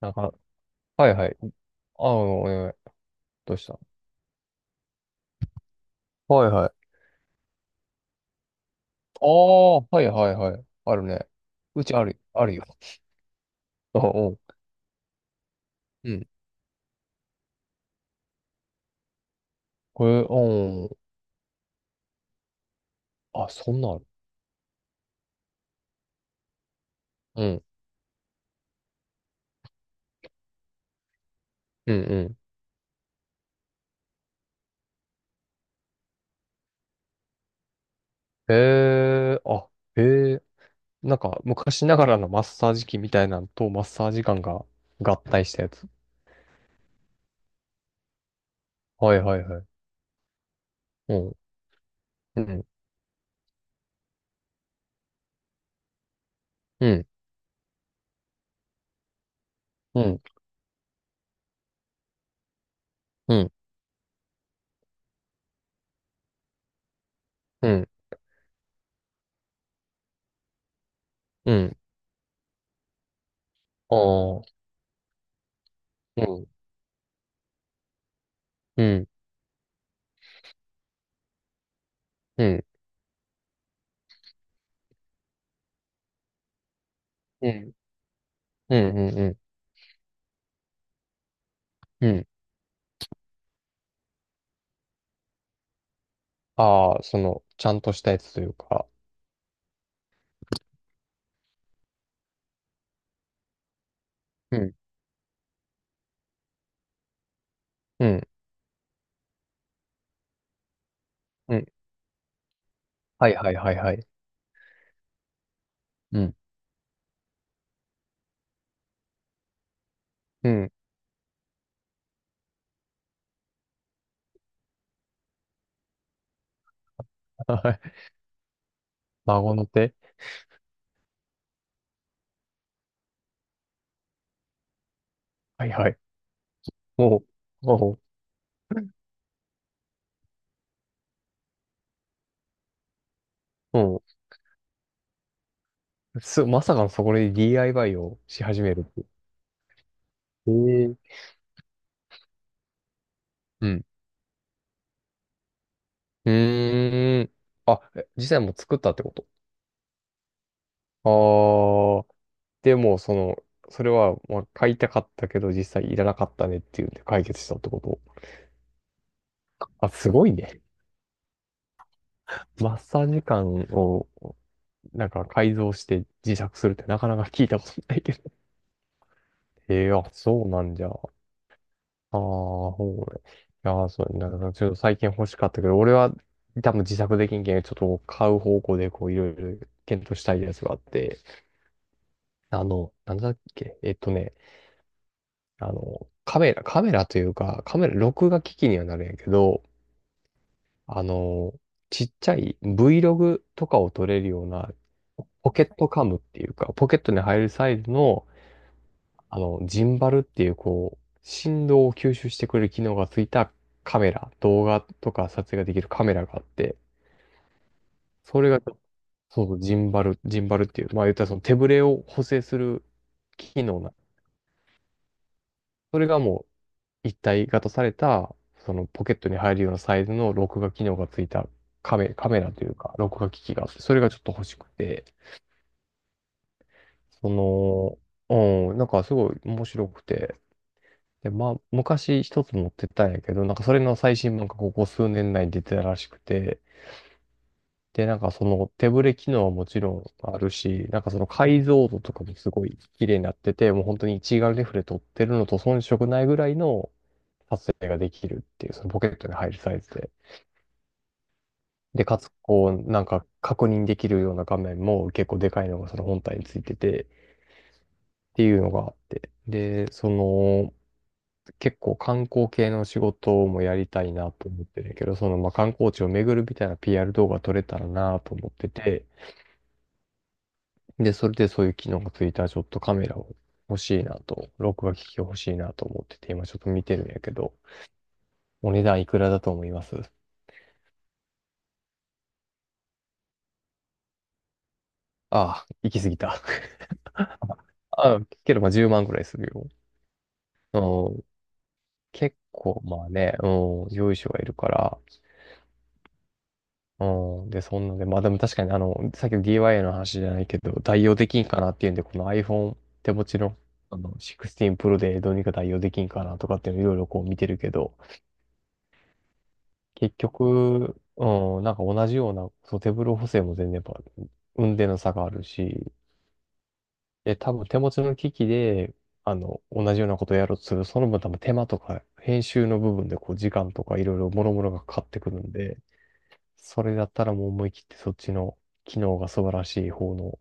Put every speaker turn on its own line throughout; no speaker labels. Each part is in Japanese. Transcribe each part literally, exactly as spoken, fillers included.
なんか、はいはい。あ、お願い。どうした？はいはい。ああ、はいはいはい。あるね。うちある、あるよ。あ、うん。うん。これ、うん。あ、そんなんある。うん。うんうん。へえ、あ、へえ。なんか、昔ながらのマッサージ機みたいなんとマッサージガンが合体したやつ。はいはいはい。うん。うん。うん。うん。うん。うん。うん。ああ。うん。うん。うん。うん。うん。うん。うん。ああ、その、ちゃんとしたやつというか、うん、うん、うん。はいはいはいはい。うん、うん。はい。孫の手。はいはい。もう、もう、もう、す、まさかのそこで ディーアイワイ をし始めるっていう。ええ。うん。うーん。あ、え、実際もう作ったってこと？ああ、でも、その、それは、まあ、買いたかったけど、実際いらなかったねっていうんで解決したってこと？あ、すごいね。マッサージ感を、なんか改造して自作するってなかなか聞いたことないけど。ええ、あ、そうなんじゃ。ああ、ほうね。いやー、そう、なんかちょっと最近欲しかったけど、俺は多分自作できんけん、ちょっと買う方向でこういろいろ検討したいやつがあって、あの、なんだっけ、えっとね、あの、カメラ、カメラというか、カメラ、録画機器にはなるんやけど、あの、ちっちゃい Vlog とかを撮れるようなポケットカムっていうか、ポケットに入るサイズの、あの、ジンバルっていう、こう、振動を吸収してくれる機能がついたカメラ、動画とか撮影ができるカメラがあって、それが、そうそう、ジンバル、ジンバルっていう、まあ言ったらその手ぶれを補正する機能な。それがもう一体型された、そのポケットに入るようなサイズの録画機能がついたカメ、カメラというか、録画機器があって、それがちょっと欲しくて、その、うん、なんかすごい面白くて、で、まあ、昔一つ持ってたんやけど、なんかそれの最新版がここ数年内に出てたらしくて、で、なんかその手ブレ機能はもちろんあるし、なんかその解像度とかもすごい綺麗になってて、もう本当に一眼レフで撮ってるのと遜色ないぐらいの撮影ができるっていう、そのポケットに入るサイズで。で、かつ、こう、なんか確認できるような画面も結構でかいのがその本体についてて、っていうのがあって。で、その、結構観光系の仕事もやりたいなと思ってるんやけど、そのまあ観光地を巡るみたいな ピーアール 動画撮れたらなと思ってて、で、それでそういう機能がついたらちょっとカメラを欲しいなと、録画機器が欲しいなと思ってて、今ちょっと見てるんやけど、お値段いくらだと思います？ああ、行き過ぎた。ああ、けどまあじゅうまんくらいするよ。うん、結構まあね、うん、用意書がいるから、うん。で、そんなんで、まあでも確かにあの、さっきの ディーアイワイ の話じゃないけど、代用できんかなっていうんで、この iPhone 手持ちの、あの、じゅうろく Pro でどうにか代用できんかなとかっていうのいろいろこう見てるけど、結局、うん、なんか同じような、そう、手ブロ補正も全然やっぱ、運転の差があるし、で、多分手持ちの機器で、あの、同じようなことをやろうとする、その分多分手間とか、編集の部分でこう、時間とかいろいろ諸々がかかってくるんで、それだったらもう思い切ってそっちの機能が素晴らしい方の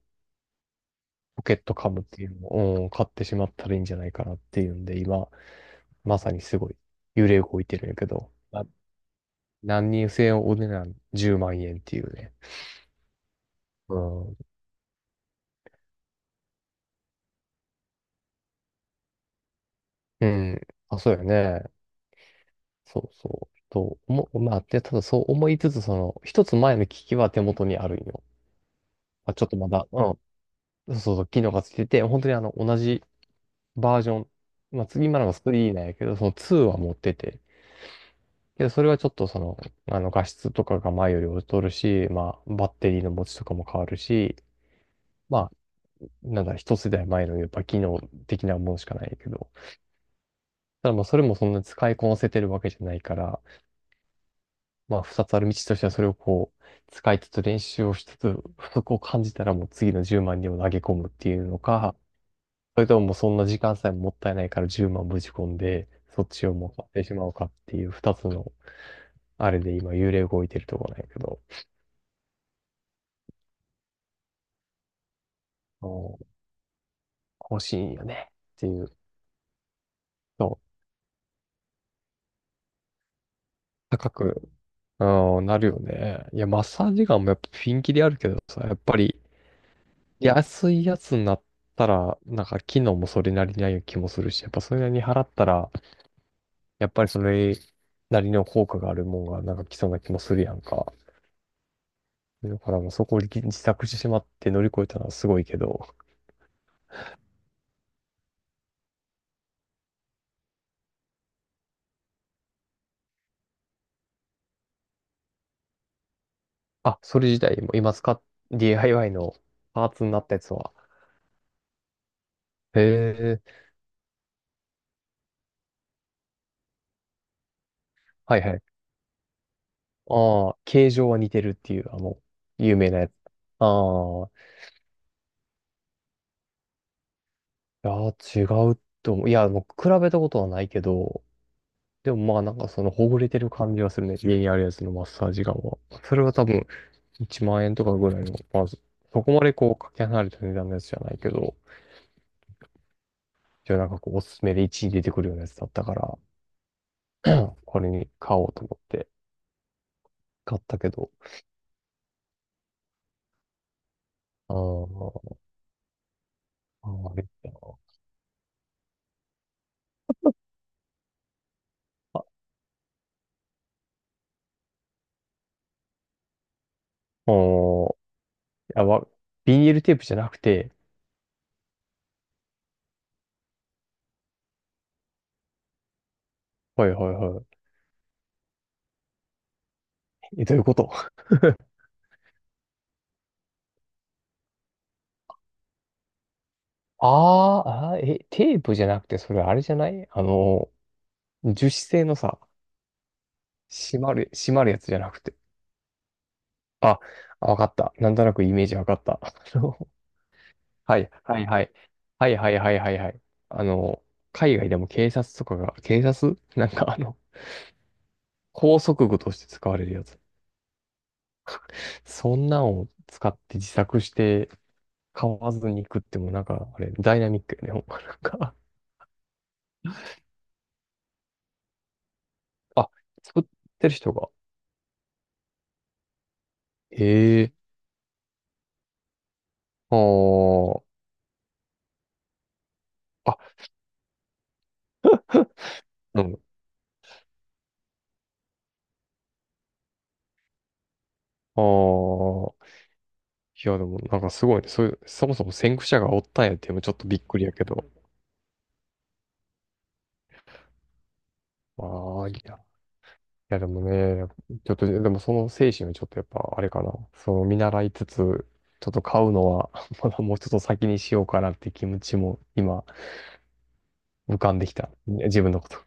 ポケットカムっていうのを、うん、買ってしまったらいいんじゃないかなっていうんで、今、まさにすごい揺れ動いてるんやけど、な、何人制お値段じゅうまん円っていうね。うん。うん。あ、そうやね。そうそう。と、思う、まあ、で、ただそう思いつつ、その、一つ前の機器は手元にあるんよ。まあ、ちょっとまだ、うん。そうそうそう、機能がついてて、本当にあの、同じバージョン。まあ、次今のがスリーなんやけど、そのツーは持ってて、けど、それはちょっとその、あの、画質とかが前より劣るし、まあ、バッテリーの持ちとかも変わるし、まあ、なんだ、一世代前のやっぱ機能的なものしかないけど、ただまあ、それもそんな使いこなせてるわけじゃないから、まあ、二つある道としてはそれをこう、使いつつ練習をしつつ、不足を感じたらもう次のじゅうまんにも投げ込むっていうのか、それとももうそんな時間さえもったいないからじゅうまんぶち込んで、そっちをもう買ってしまおうかっていう二つの、あれで今幽霊動いてるとこなんやけど、欲しいんよね。っていう。そう。高く、うん、なるよね。いや、マッサージガンもやっぱピンキリあるけどさ、やっぱり安いやつになったら、なんか機能もそれなりにある気もするし、やっぱそれなりに払ったら、やっぱりそれなりの効果があるもんがなんか来そうな気もするやんか。だからもうそこを自自作してしまって乗り越えたのはすごいけど、あ、それ自体も今使っ、ディーアイワイ のパーツになったやつは、へえ、はいはい、ああ、形状は似てるっていう、あの、有名なやつ。ああ、いやー、違うと思う。いや、もう比べたことはないけど、でもまあなんかそのほぐれてる感じはするね。家にあるやつのマッサージガンは。それは多分いちまん円とかぐらいの、まず、そこまでこうかけ離れた値段のやつじゃないけど、じゃあなんかこうおすすめでいちいに出てくるようなやつだったから、これに買おうと思って買ったけど、あーあー、あれだな。あ、おー、いや、わ、ビニールテープじゃなくて、はいはいはい。え、どういうこと？ あーあー、え、テープじゃなくて、それあれじゃない、あの、樹脂製のさ、閉まる、閉まるやつじゃなくて。あ、あ、わかった。なんとなくイメージわかった。あのはい、はい、はい。はいはいはいはいはい。あの、海外でも警察とかが、警察 なんかあの、拘束具として使われるやつ。そんなんを使って自作して買わずに行くってもなんか、あれ、ダイナミックよね。ほんまなんか。あ、作ってる人が。ええ、あー、あ、なるほ、ああ、いやでもなんかすごいね。そういう、そもそも先駆者がおったんやっていうのもちょっとびっくりやけど。まあ、いいや。いやでもね、ちょっと、でもその精神はちょっとやっぱあれかな。その見習いつつ、ちょっと買うのは まだもうちょっと先にしようかなって気持ちも今浮かんできた。ね、自分のこと。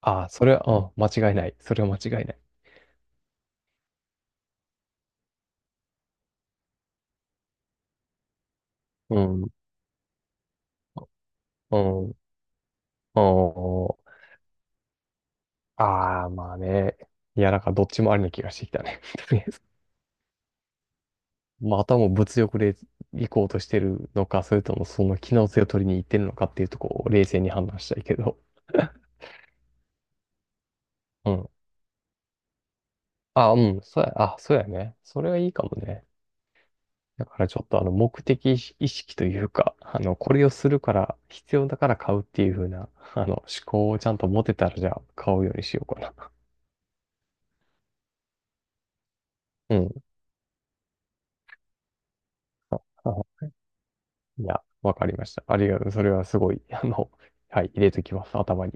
ああ、それは、うん、間違いない。それは間違いない。うん、うん、うん。ああ、まあね。いや、なんかどっちもありな気がしてきたね。とりあえずまあ、あとはもう物欲で行こうとしてるのか、それともその機能性を取りに行ってるのかっていうとこを冷静に判断したいけど。うん。あ、うん。そうや、あ、そうやね。それはいいかもね。だからちょっとあの目的意識というか、あの、これをするから、必要だから買うっていう風な、あの、思考をちゃんと持てたら、じゃあ買うようにしようかな。うん。あ、いや、わかりました。ありがとう。それはすごい、あの、はい、入れときます、頭に。